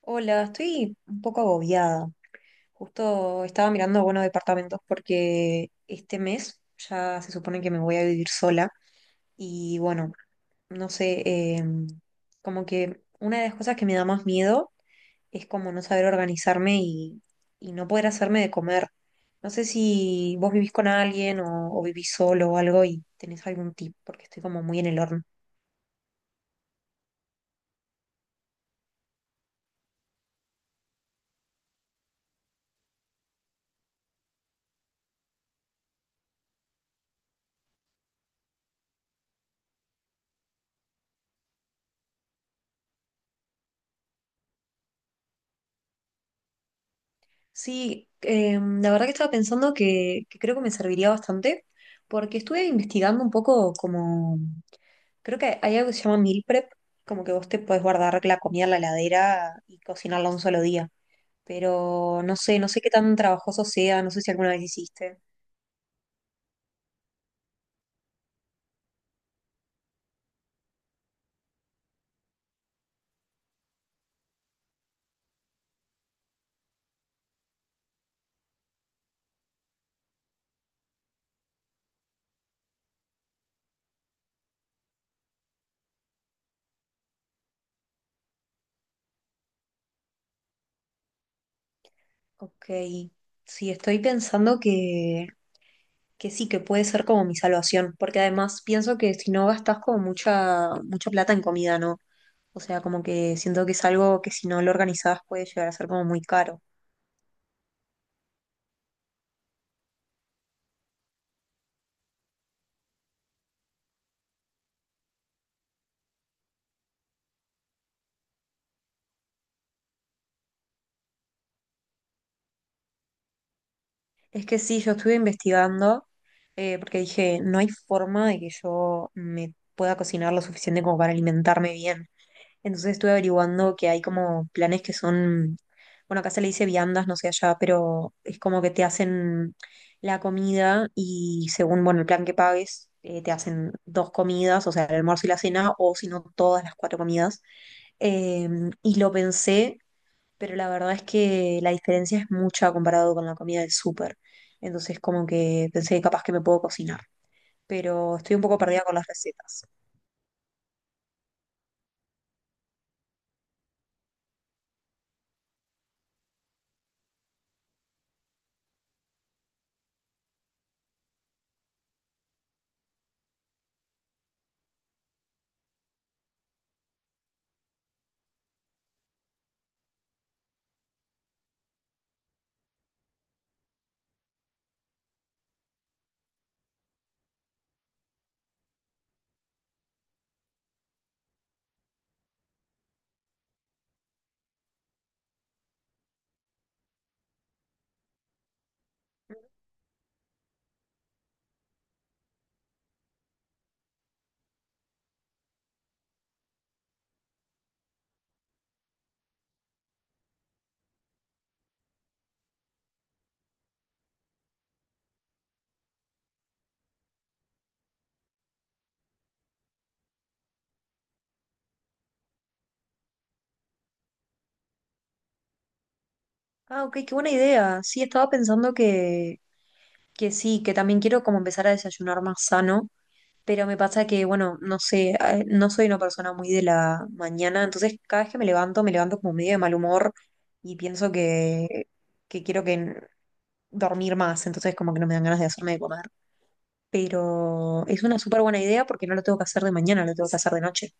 Hola, estoy un poco agobiada. Justo estaba mirando, buenos departamentos porque este mes ya se supone que me voy a vivir sola y bueno, no sé, como que una de las cosas que me da más miedo es como no saber organizarme y no poder hacerme de comer. No sé si vos vivís con alguien o vivís solo o algo y tenés algún tip porque estoy como muy en el horno. Sí, la verdad que estaba pensando que creo que me serviría bastante, porque estuve investigando un poco como, creo que hay algo que se llama meal prep, como que vos te podés guardar la comida en la heladera y cocinarla un solo día, pero no sé, no sé qué tan trabajoso sea, no sé si alguna vez hiciste. Ok, sí, estoy pensando que sí, que puede ser como mi salvación, porque además pienso que si no gastas como mucha, mucha plata en comida, ¿no? O sea, como que siento que es algo que si no lo organizás puede llegar a ser como muy caro. Es que sí, yo estuve investigando, porque dije, no hay forma de que yo me pueda cocinar lo suficiente como para alimentarme bien. Entonces estuve averiguando que hay como planes que son, bueno, acá se le dice viandas, no sé allá, pero es como que te hacen la comida y según, bueno, el plan que pagues, te hacen dos comidas, o sea, el almuerzo y la cena, o si no, todas las cuatro comidas. Eh, y lo pensé, pero la verdad es que la diferencia es mucha comparado con la comida del súper. Entonces como que pensé que capaz que me puedo cocinar, pero estoy un poco perdida con las recetas. Ah, ok, qué buena idea. Sí, estaba pensando que sí, que también quiero como empezar a desayunar más sano, pero me pasa que, bueno, no sé, no soy una persona muy de la mañana, entonces cada vez que me levanto como medio de mal humor y pienso que quiero dormir más, entonces como que no me dan ganas de hacerme de comer. Pero es una súper buena idea porque no lo tengo que hacer de mañana, lo tengo que hacer de noche.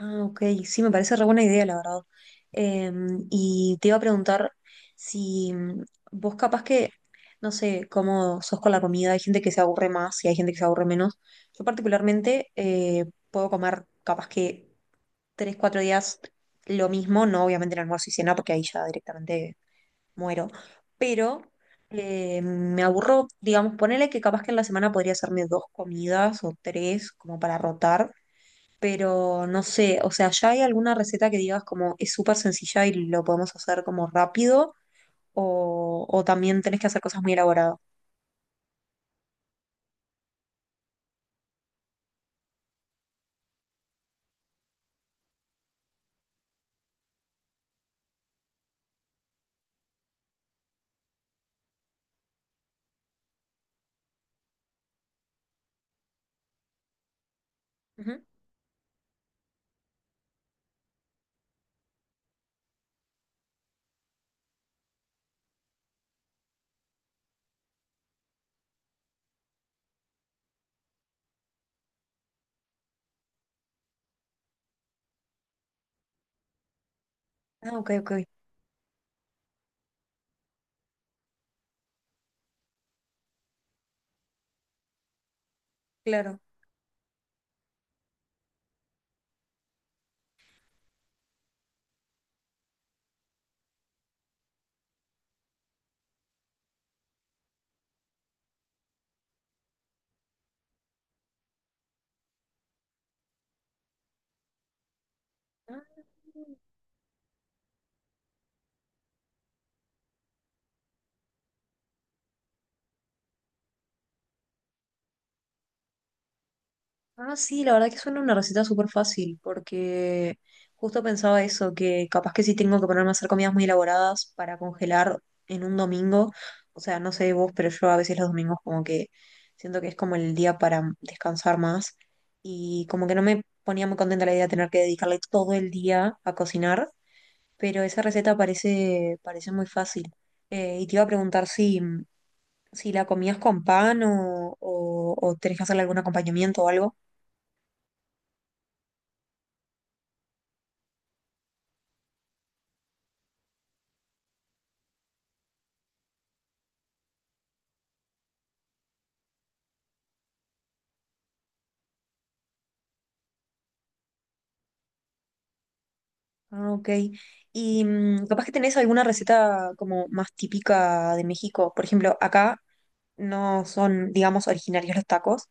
Ah, ok, sí, me parece re buena idea, la verdad. Em, y te iba a preguntar si vos capaz que, no sé, cómo sos con la comida, hay gente que se aburre más y hay gente que se aburre menos. Yo particularmente puedo comer capaz que tres, cuatro días lo mismo, no obviamente en almuerzo y cena, porque ahí ya directamente muero, pero me aburro, digamos, ponele que capaz que en la semana podría hacerme dos comidas o tres como para rotar, pero no sé, o sea, ¿ya hay alguna receta que digas como es súper sencilla y lo podemos hacer como rápido? ¿O también tenés que hacer cosas muy elaboradas? Ujú. Ah, ok, ok, claro. Ah, ah, sí, la verdad que suena una receta súper fácil, porque justo pensaba eso, que capaz que sí tengo que ponerme a hacer comidas muy elaboradas para congelar en un domingo. O sea, no sé vos, pero yo a veces los domingos como que siento que es como el día para descansar más y como que no me ponía muy contenta la idea de tener que dedicarle todo el día a cocinar, pero esa receta parece, parece muy fácil. Y te iba a preguntar si, si la comías con pan o tenés que hacerle algún acompañamiento o algo. Ah, ok. Y capaz que tenés alguna receta como más típica de México. Por ejemplo, acá no son, digamos, originarios los tacos,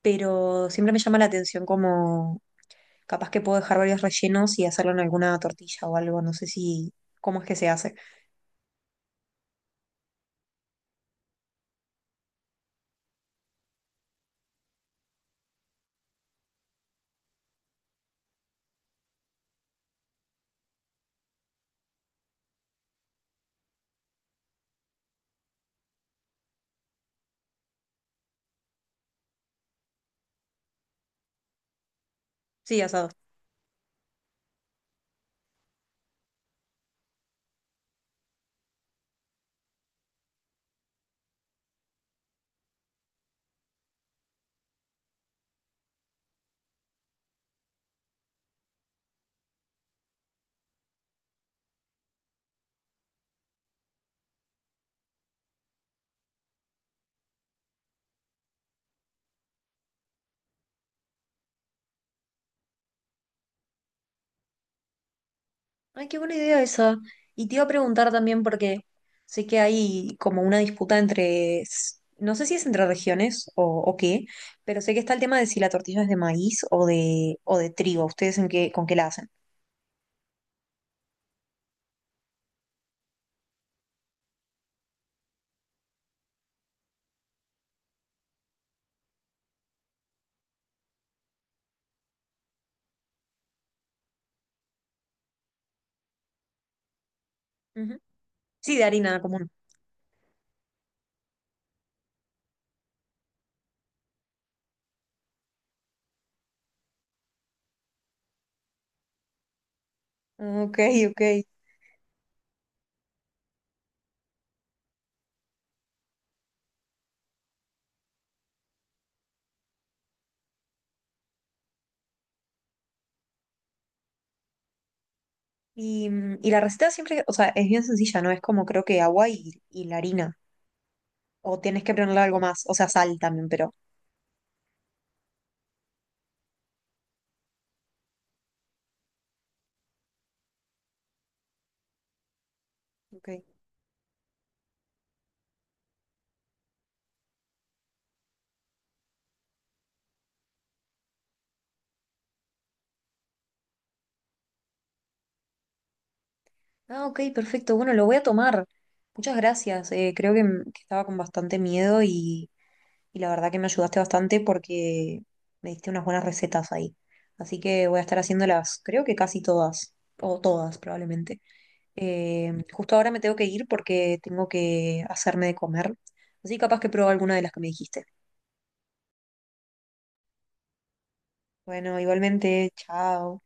pero siempre me llama la atención como capaz que puedo dejar varios rellenos y hacerlo en alguna tortilla o algo. No sé si, cómo es que se hace. Sí, asado. Ay, qué buena idea esa. Y te iba a preguntar también porque sé que hay como una disputa entre, no sé si es entre regiones o qué, pero sé que está el tema de si la tortilla es de maíz o de trigo. ¿Ustedes en qué, con qué la hacen? Ujú. Sí, de harina común. Ok, ok. Y, y la receta siempre, o sea, es bien sencilla, ¿no? Es como creo que agua y la harina. O tienes que ponerle algo más, o sea, sal también, pero... Ok. Ah, ok, perfecto. Bueno, lo voy a tomar. Muchas gracias. Creo que, que estaba con bastante miedo y la verdad que me ayudaste bastante porque me diste unas buenas recetas ahí. Así que voy a estar haciéndolas, creo que casi todas, o todas probablemente. Justo ahora me tengo que ir porque tengo que hacerme de comer. Así capaz que pruebo alguna de las que me dijiste. Bueno, igualmente, chao.